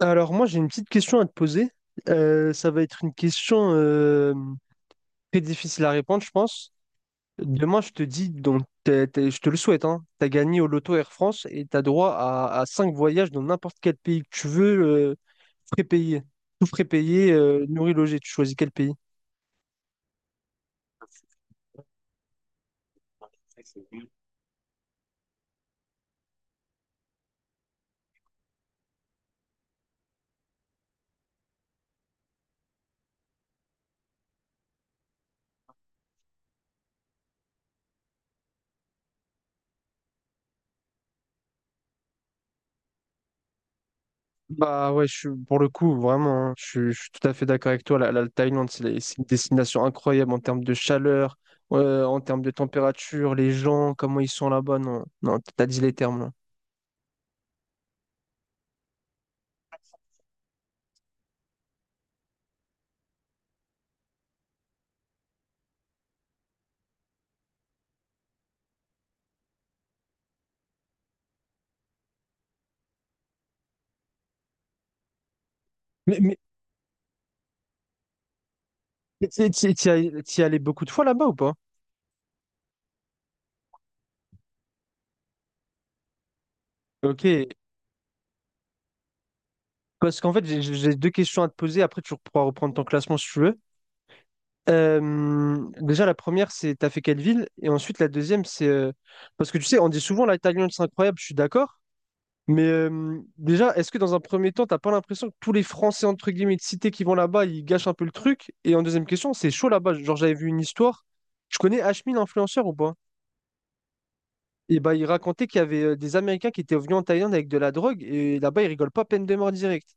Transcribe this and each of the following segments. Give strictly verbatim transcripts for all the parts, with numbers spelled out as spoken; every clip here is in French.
Alors moi j'ai une petite question à te poser. Euh, ça va être une question euh, très difficile à répondre, je pense. Demain, je te dis, donc t'es- t'es- je te le souhaite, hein, tu as gagné au loto Air France et tu as droit à, à cinq voyages dans n'importe quel pays que tu veux, euh, prépayé. Tout prépayé, euh, nourri, logé. Tu choisis quel pays? Bah ouais, je suis, pour le coup, vraiment, hein, je, suis je suis tout à fait d'accord avec toi. La, la Thaïlande, c'est la- c'est une destination incroyable en termes de chaleur, euh, en termes de température, les gens, comment ils sont là-bas. Non, non, t'as dit les termes là. Mais, mais t'y t'y- t'y as- t'y es allé beaucoup de fois là-bas ou pas? Ok, parce qu'en fait, j'ai j'ai- j'ai deux questions à te poser. Après, tu pourras reprendre ton classement si tu veux. Euh, déjà, la première, c'est t'as fait quelle ville? Et ensuite, la deuxième, c'est euh, parce que tu sais, on dit souvent la Thaïlande, c'est incroyable, je suis d'accord. Mais euh, déjà, est-ce que dans un premier temps, t'as pas l'impression que tous les Français, entre guillemets, de cité qui vont là-bas, ils gâchent un peu le truc? Et en deuxième question, c'est chaud là-bas. Genre, j'avais vu une histoire. Je connais Ashmin, l'influenceur ou pas? Et bah, il racontait qu'il y avait euh, des Américains qui étaient venus en Thaïlande avec de la drogue et là-bas, ils rigolent pas, peine de mort directe.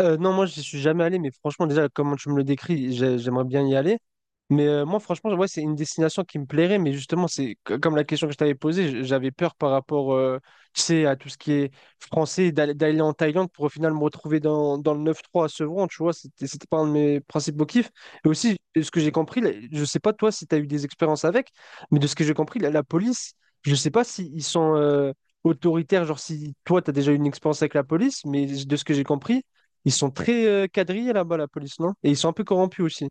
Euh, non, moi, je suis jamais allé, mais franchement, déjà, comment tu me le décris, j'ai- j'aimerais bien y aller. Mais euh, moi, franchement, ouais, c'est une destination qui me plairait, mais justement, c'est c- comme la question que je t'avais posée, j- j'avais peur par rapport, euh, tu sais, à tout ce qui est français, d'aller d'aller en Thaïlande pour au final me retrouver dans, dans le neuf trois à Sevran, tu vois, c'était c'était pas un de mes principaux kiffs. Et aussi, ce que j'ai compris, là, je sais pas toi si tu as eu des expériences avec, mais de ce que j'ai compris, la, la police, je sais pas s'ils sont euh, autoritaires, genre si toi, tu as déjà eu une expérience avec la police, mais de ce que j'ai compris, ils sont très euh, quadrillés là-bas, la police, non? Et ils sont un peu corrompus aussi.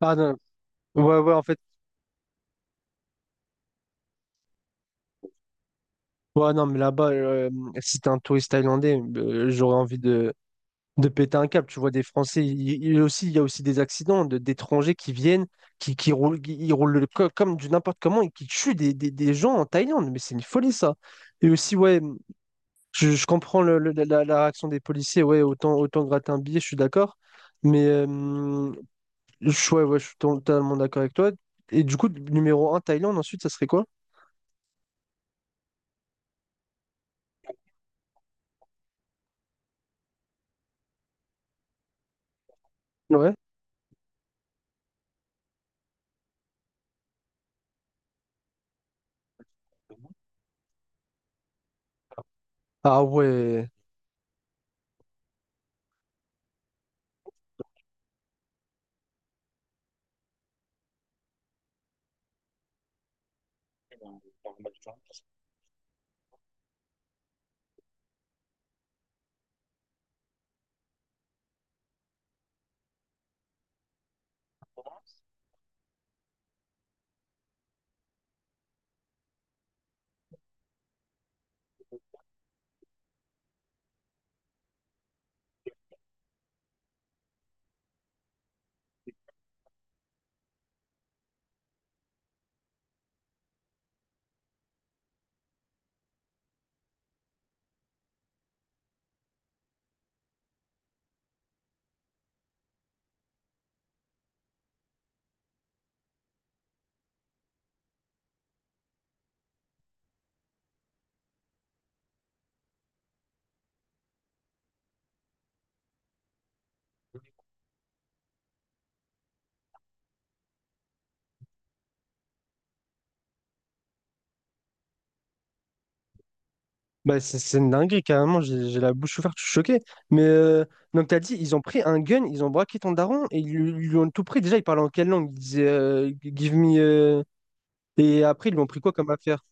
Ah non. Ouais, ouais, en fait. Ouais, non, mais là-bas, euh, si t'es un touriste thaïlandais, euh, j'aurais envie de, de péter un câble. Tu vois des Français, il, il aussi, il y a aussi des accidents de- d'étrangers qui viennent, qui, qui roulent, qui- ils roulent le co- comme du n'importe comment et qui tuent des, des- des gens en Thaïlande. Mais c'est une folie ça. Et aussi, ouais, je, je comprends le- le- la, la réaction des policiers. Ouais, autant, autant gratter un billet, je suis d'accord. Mais euh, je, ouais, ouais, je suis totalement d'accord avec toi. Et du coup, numéro un Thaïlande, ensuite, ça serait quoi? Ouais. Ah ouais. Bah, c'est c'est une dinguerie, carrément, j'ai j'ai la bouche ouverte, je suis choqué. Mais euh, donc, t'as dit, ils ont pris un gun, ils ont braqué ton daron et ils lui, ils lui ont tout pris. Déjà, ils parlaient en quelle langue? Ils disaient euh, Give me, euh, et après, ils lui ont pris quoi comme affaire?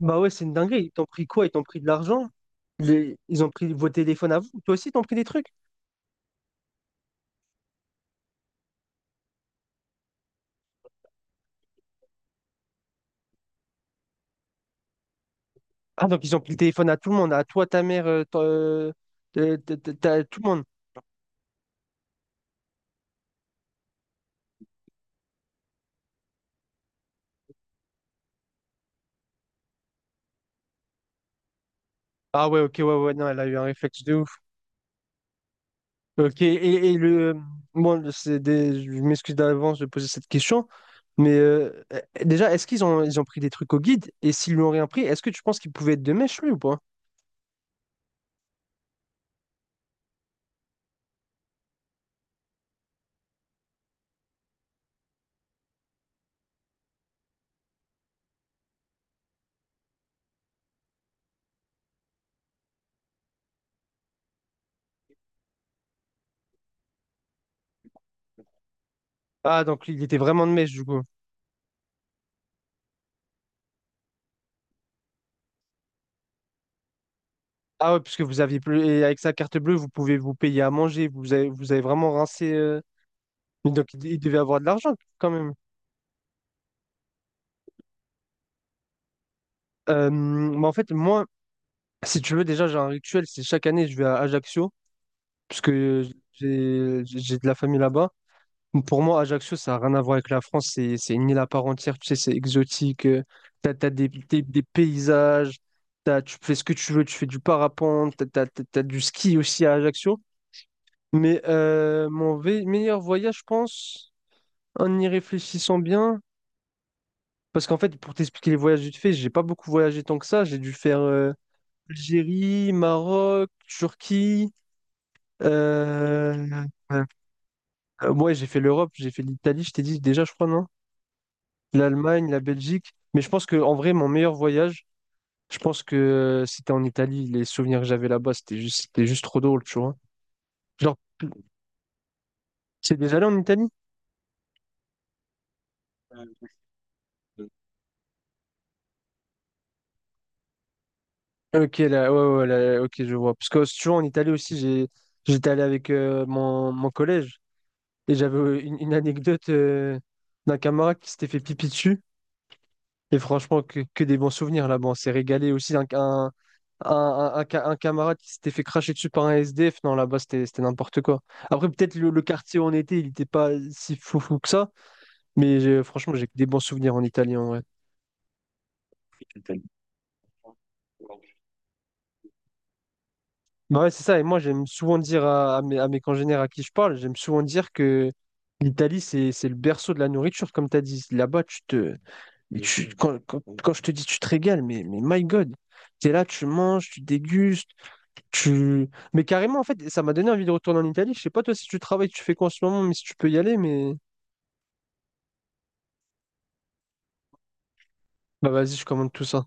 Bah ouais, c'est une dinguerie. Ils t'ont pris quoi? Ils t'ont pris de l'argent? Les- Ils ont pris vos téléphones à vous? Toi aussi, ils t'ont pris des trucs? Ah, donc ils ont pris le téléphone à tout le monde, à toi, ta mère, euh, ton- euh, t- t- t- t'as- tout le monde. Ah ouais, ok, ouais, ouais, non, elle a eu un réflexe de ouf. Ok, et, et le. Bon, c'est des... je m'excuse d'avance de poser cette question, mais euh, euh, déjà, est-ce qu'ils ont, ils ont pris des trucs au guide? Et s'ils lui ont rien pris, est-ce que tu penses qu'il pouvait être de mèche, lui, ou pas? Ah, donc il était vraiment de mèche, du coup. Ah ouais, puisque vous aviez plus. Et avec sa carte bleue, vous pouvez vous payer à manger. Vous avez, vous avez vraiment rincé, euh, mais donc, il, il devait avoir de l'argent quand même. Euh, mais en fait, moi, si tu veux, déjà, j'ai un rituel. C'est chaque année, je vais à Ajaccio. Parce que j'ai j'ai de la famille là-bas. Donc, pour moi, Ajaccio, ça n'a rien à voir avec la France. C'est c'est une île à part entière. Tu sais, c'est exotique. euh, T'as, t'as des, des, des paysages. T'as, tu fais ce que tu veux. Tu fais du parapente. T'as, t'as, t'as- t'as du ski aussi à Ajaccio. Mais euh, mon ve- meilleur voyage, je pense. En y réfléchissant bien, parce qu'en fait, pour t'expliquer les voyages vite fait, j'ai pas beaucoup voyagé tant que ça. J'ai dû faire euh, Algérie, Maroc, Turquie. euh, euh, euh, ouais, j'ai fait l'Europe, j'ai fait l'Italie, je t'ai dit déjà, je crois, non? L'Allemagne, la Belgique. Mais je pense que en vrai, mon meilleur voyage, je pense que euh, c'était en Italie. Les souvenirs que j'avais là-bas, c'était juste, c'était juste trop drôle, tu vois. Genre, c'est déjà allé en Italie? Ok, là, ouais, ouais, là, ok, je vois. Parce que si tu vois, en Italie aussi, j'ai, j'étais allé avec euh, mon, mon collège. Et j'avais euh, une, une anecdote euh, d'un camarade qui s'était fait pipi dessus. Et franchement, que, que des bons souvenirs là-bas. On s'est régalé aussi. Un, un, un, un- un ca- un camarade qui s'était fait cracher dessus par un S D F. Non, là-bas, c'était c'était n'importe quoi. Après, peut-être le, le quartier où on était, il n'était pas si fou fou que ça. Mais j'ai- franchement, j'ai que des bons souvenirs en Italie en vrai. Bah ouais, c'est ça. Et moi, j'aime souvent dire à, à mes, à mes congénères à qui je parle, j'aime souvent dire que l'Italie, c'est c'est le berceau de la nourriture, comme tu as dit. Là-bas, tu te, Mais tu, quand, quand- quand je te dis tu te régales, mais, mais my God, t'es là, tu manges, tu dégustes, tu... Mais carrément, en fait, ça m'a donné envie de retourner en Italie. Je sais pas toi si tu travailles, tu fais quoi en ce moment, mais si tu peux y aller, mais... Bah vas-y, je commande tout ça.